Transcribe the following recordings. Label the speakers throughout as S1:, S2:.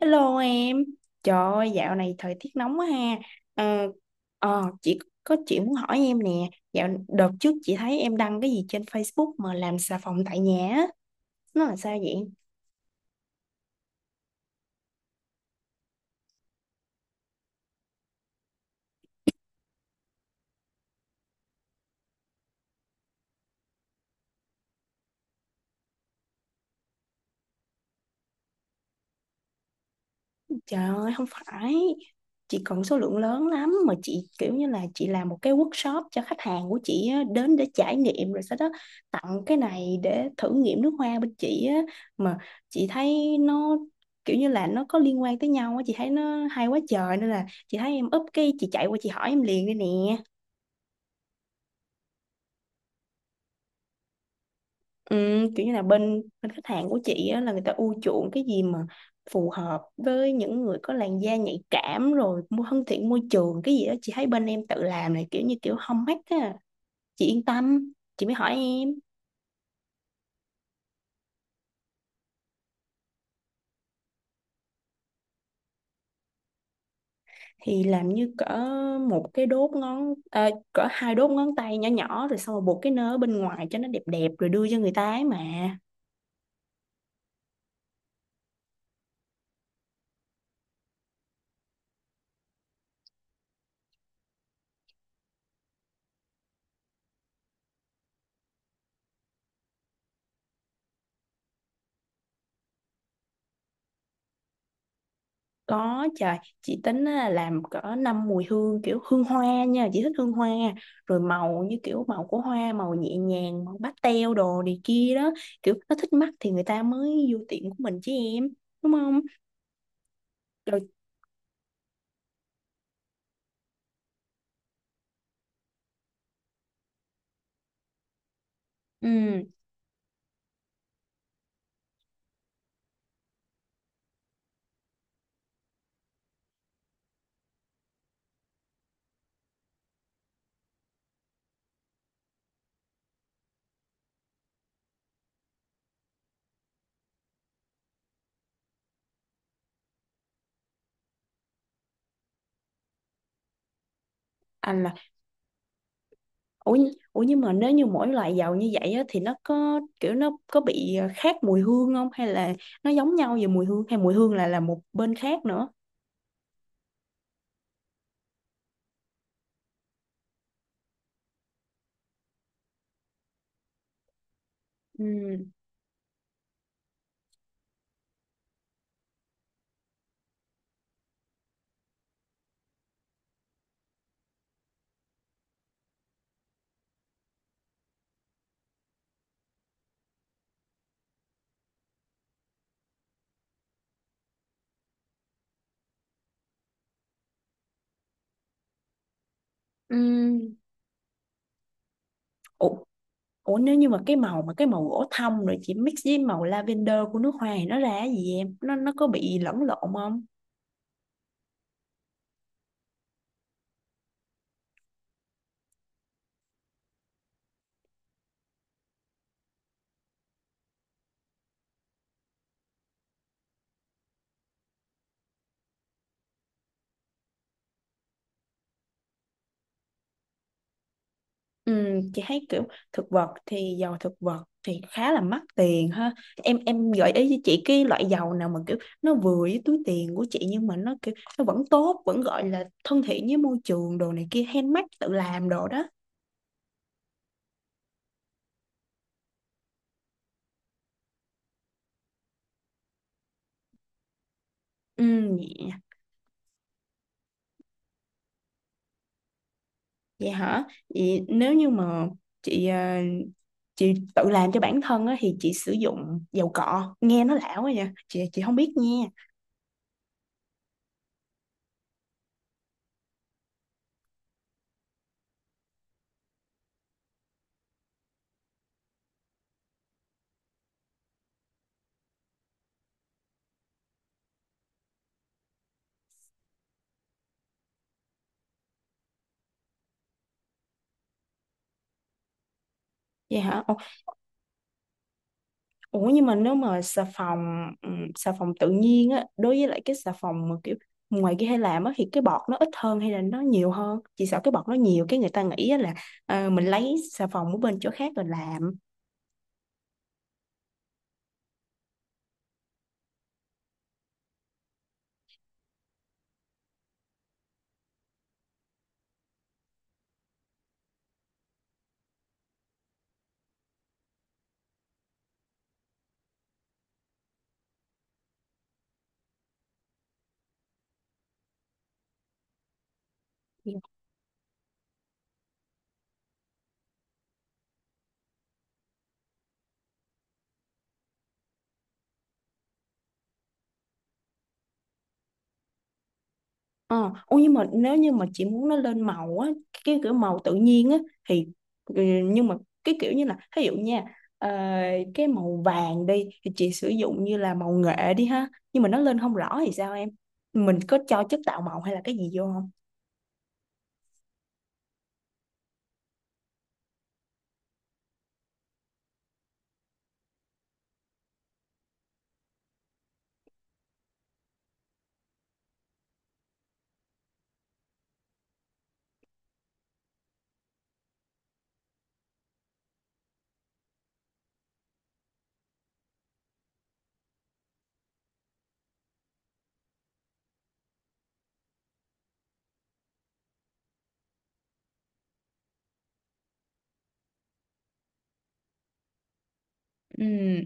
S1: Hello em, trời ơi, dạo này thời tiết nóng quá ha. Ờ, chị có chuyện muốn hỏi em nè. Dạo đợt trước chị thấy em đăng cái gì trên Facebook mà làm xà phòng tại nhà á, nó là sao vậy? Trời ơi, không phải. Chị cần số lượng lớn lắm. Mà chị kiểu như là chị làm một cái workshop cho khách hàng của chị á, đến để trải nghiệm, rồi sau đó tặng cái này để thử nghiệm nước hoa bên chị á. Mà chị thấy nó kiểu như là nó có liên quan tới nhau á. Chị thấy nó hay quá trời, nên là chị thấy em up cái chị chạy qua chị hỏi em liền đây nè. Ừ, kiểu như là bên bên khách hàng của chị á, là người ta ưa chuộng cái gì mà phù hợp với những người có làn da nhạy cảm rồi mua thân thiện môi trường cái gì đó, chị thấy bên em tự làm này kiểu như kiểu hông hách á, chị yên tâm chị mới hỏi em. Thì làm như cỡ một cái đốt ngón à, cỡ hai đốt ngón tay nhỏ nhỏ, rồi xong rồi buộc cái nơ ở bên ngoài cho nó đẹp đẹp rồi đưa cho người ta ấy mà. Có trời, chị tính á, làm cỡ năm mùi hương kiểu hương hoa nha, chị thích hương hoa. Rồi màu như kiểu màu của hoa, màu nhẹ nhàng, màu pastel đồ này kia đó. Kiểu nó thích mắt thì người ta mới vô tiệm của mình chứ em, đúng không? Rồi, ừ, anh là, ủa, ủa nhưng mà nếu như mỗi loại dầu như vậy á, thì nó có kiểu nó có bị khác mùi hương không? Hay là nó giống nhau về mùi hương, hay mùi hương là một bên khác nữa? Ừ. Ừ. Ủa nếu như mà cái màu gỗ thông rồi chị mix với màu lavender của nước hoa thì nó ra cái gì em? Nó có bị lẫn lộn không? Ừ, chị thấy kiểu thực vật thì dầu thực vật thì khá là mắc tiền ha. Em gợi ý với chị cái loại dầu nào mà kiểu nó vừa với túi tiền của chị nhưng mà nó kiểu nó vẫn tốt, vẫn gọi là thân thiện với môi trường đồ này kia handmade tự làm đồ đó. Ừ. Vậy hả? Vậy nếu như mà chị chị tự làm cho bản thân á, thì chị sử dụng dầu cọ nghe nó lão quá nha chị không biết nha. Vậy hả? Ồ, ủa nhưng mà nếu mà xà phòng tự nhiên á đối với lại cái xà phòng mà kiểu ngoài kia hay làm á thì cái bọt nó ít hơn hay là nó nhiều hơn? Chị sợ cái bọt nó nhiều cái người ta nghĩ á là mình lấy xà phòng ở bên chỗ khác rồi làm. Ờ, ô nhưng mà nếu như mà chị muốn nó lên màu á, cái kiểu màu tự nhiên á thì ừ, nhưng mà cái kiểu như là ví dụ nha, ờ, cái màu vàng đi thì chị sử dụng như là màu nghệ đi ha nhưng mà nó lên không rõ thì sao em, mình có cho chất tạo màu hay là cái gì vô không? Ừm,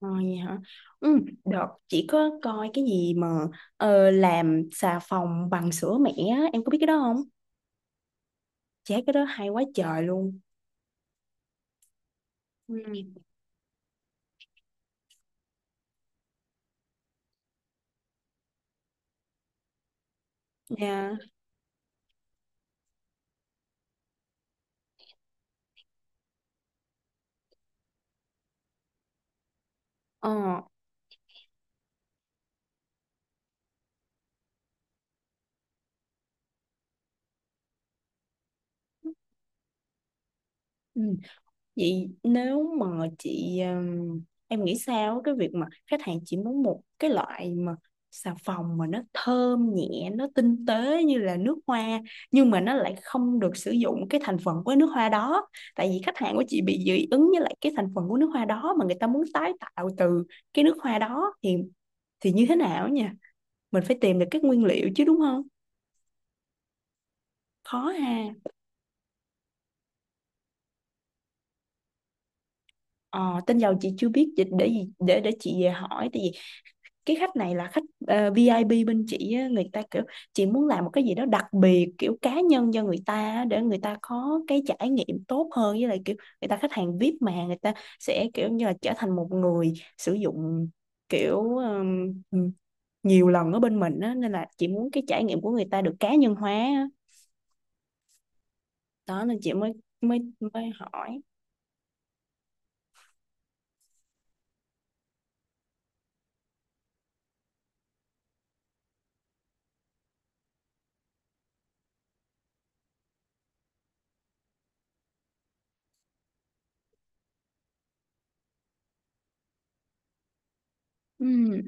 S1: Ờ vậy hả? Ừ, đợt chị có coi cái gì mà làm xà phòng bằng sữa mẹ á, em có biết cái đó không? Chị thấy cái đó hay quá trời luôn. Ừm. Dạ. Ờ. Ừ. Vậy nếu mà chị em nghĩ sao cái việc mà khách hàng chỉ muốn một cái loại mà xà phòng mà nó thơm nhẹ, nó tinh tế như là nước hoa nhưng mà nó lại không được sử dụng cái thành phần của nước hoa đó. Tại vì khách hàng của chị bị dị ứng với lại cái thành phần của nước hoa đó mà người ta muốn tái tạo từ cái nước hoa đó thì như thế nào nha? Mình phải tìm được các nguyên liệu chứ đúng không? Khó ha. Ờ, tên giàu chị chưa biết để chị về hỏi, tại vì cái khách này là khách VIP bên chị á, người ta kiểu chị muốn làm một cái gì đó đặc biệt kiểu cá nhân cho người ta á, để người ta có cái trải nghiệm tốt hơn với lại kiểu người ta khách hàng VIP mà người ta sẽ kiểu như là trở thành một người sử dụng kiểu nhiều lần ở bên mình á, nên là chị muốn cái trải nghiệm của người ta được cá nhân hóa á. Đó nên chị mới mới mới hỏi. Ừ.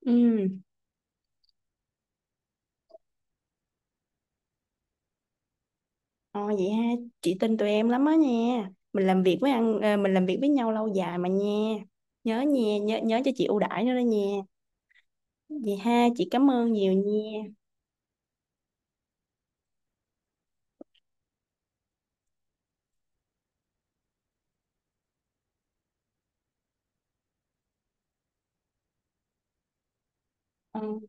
S1: Ừ. Ồ vậy ha, chị tin tụi em lắm á nha. Mình làm việc với mình làm việc với nhau lâu dài mà nha. Nhớ nha, nhớ nhớ cho chị ưu đãi nữa đó nha. Vậy ha, chị cảm ơn nhiều nha. Ừ.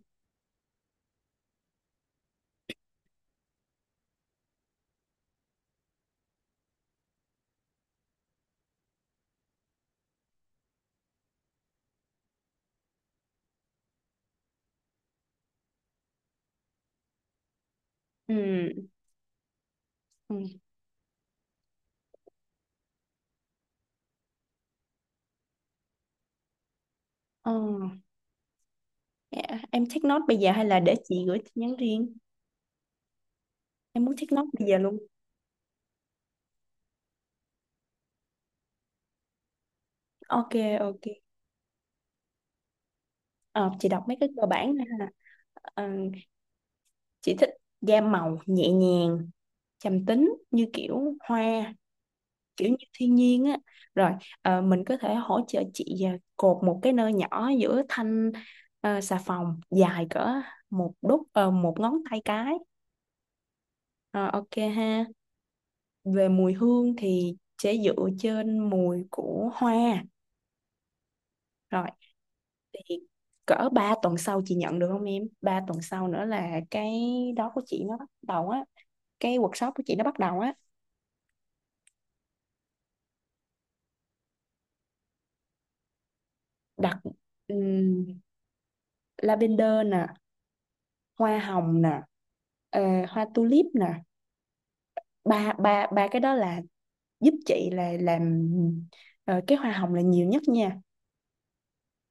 S1: Ừ. Ừ. Ờ, dạ. Em take note bây giờ hay là để chị gửi tin nhắn riêng? Em muốn take note bây giờ luôn. Ok, ok. Ờ, chị đọc mấy cái cơ bản này ha. Ờ, chị thích gam màu nhẹ nhàng, trầm tính như kiểu hoa, kiểu như thiên nhiên á. Rồi mình có thể hỗ trợ chị à, cột một cái nơ nhỏ giữa thanh xà phòng dài cỡ một đúc một ngón tay cái. Ờ, ok ha. Về mùi hương thì sẽ dựa trên mùi của hoa. Rồi thì cỡ 3 tuần sau chị nhận được không em? Ba tuần sau nữa là cái đó của chị nó bắt đầu á, cái workshop của chị nó bắt đầu á. Đặt ừm, lavender nè, hoa hồng nè, ờ, hoa tulip nè. Ba ba Ba cái đó là giúp chị là làm cái hoa hồng là nhiều nhất nha,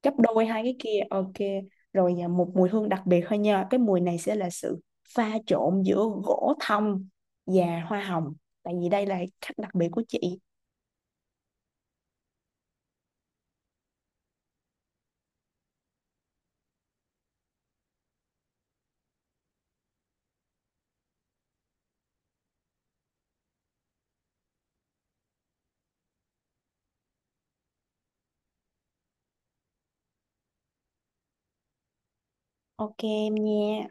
S1: gấp đôi hai cái kia. Ok, rồi à, một mùi hương đặc biệt thôi nha, cái mùi này sẽ là sự pha trộn giữa gỗ thông và hoa hồng, tại vì đây là khách đặc biệt của chị. Ok em nha.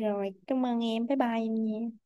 S1: Rồi cảm ơn em, bye bye em nha.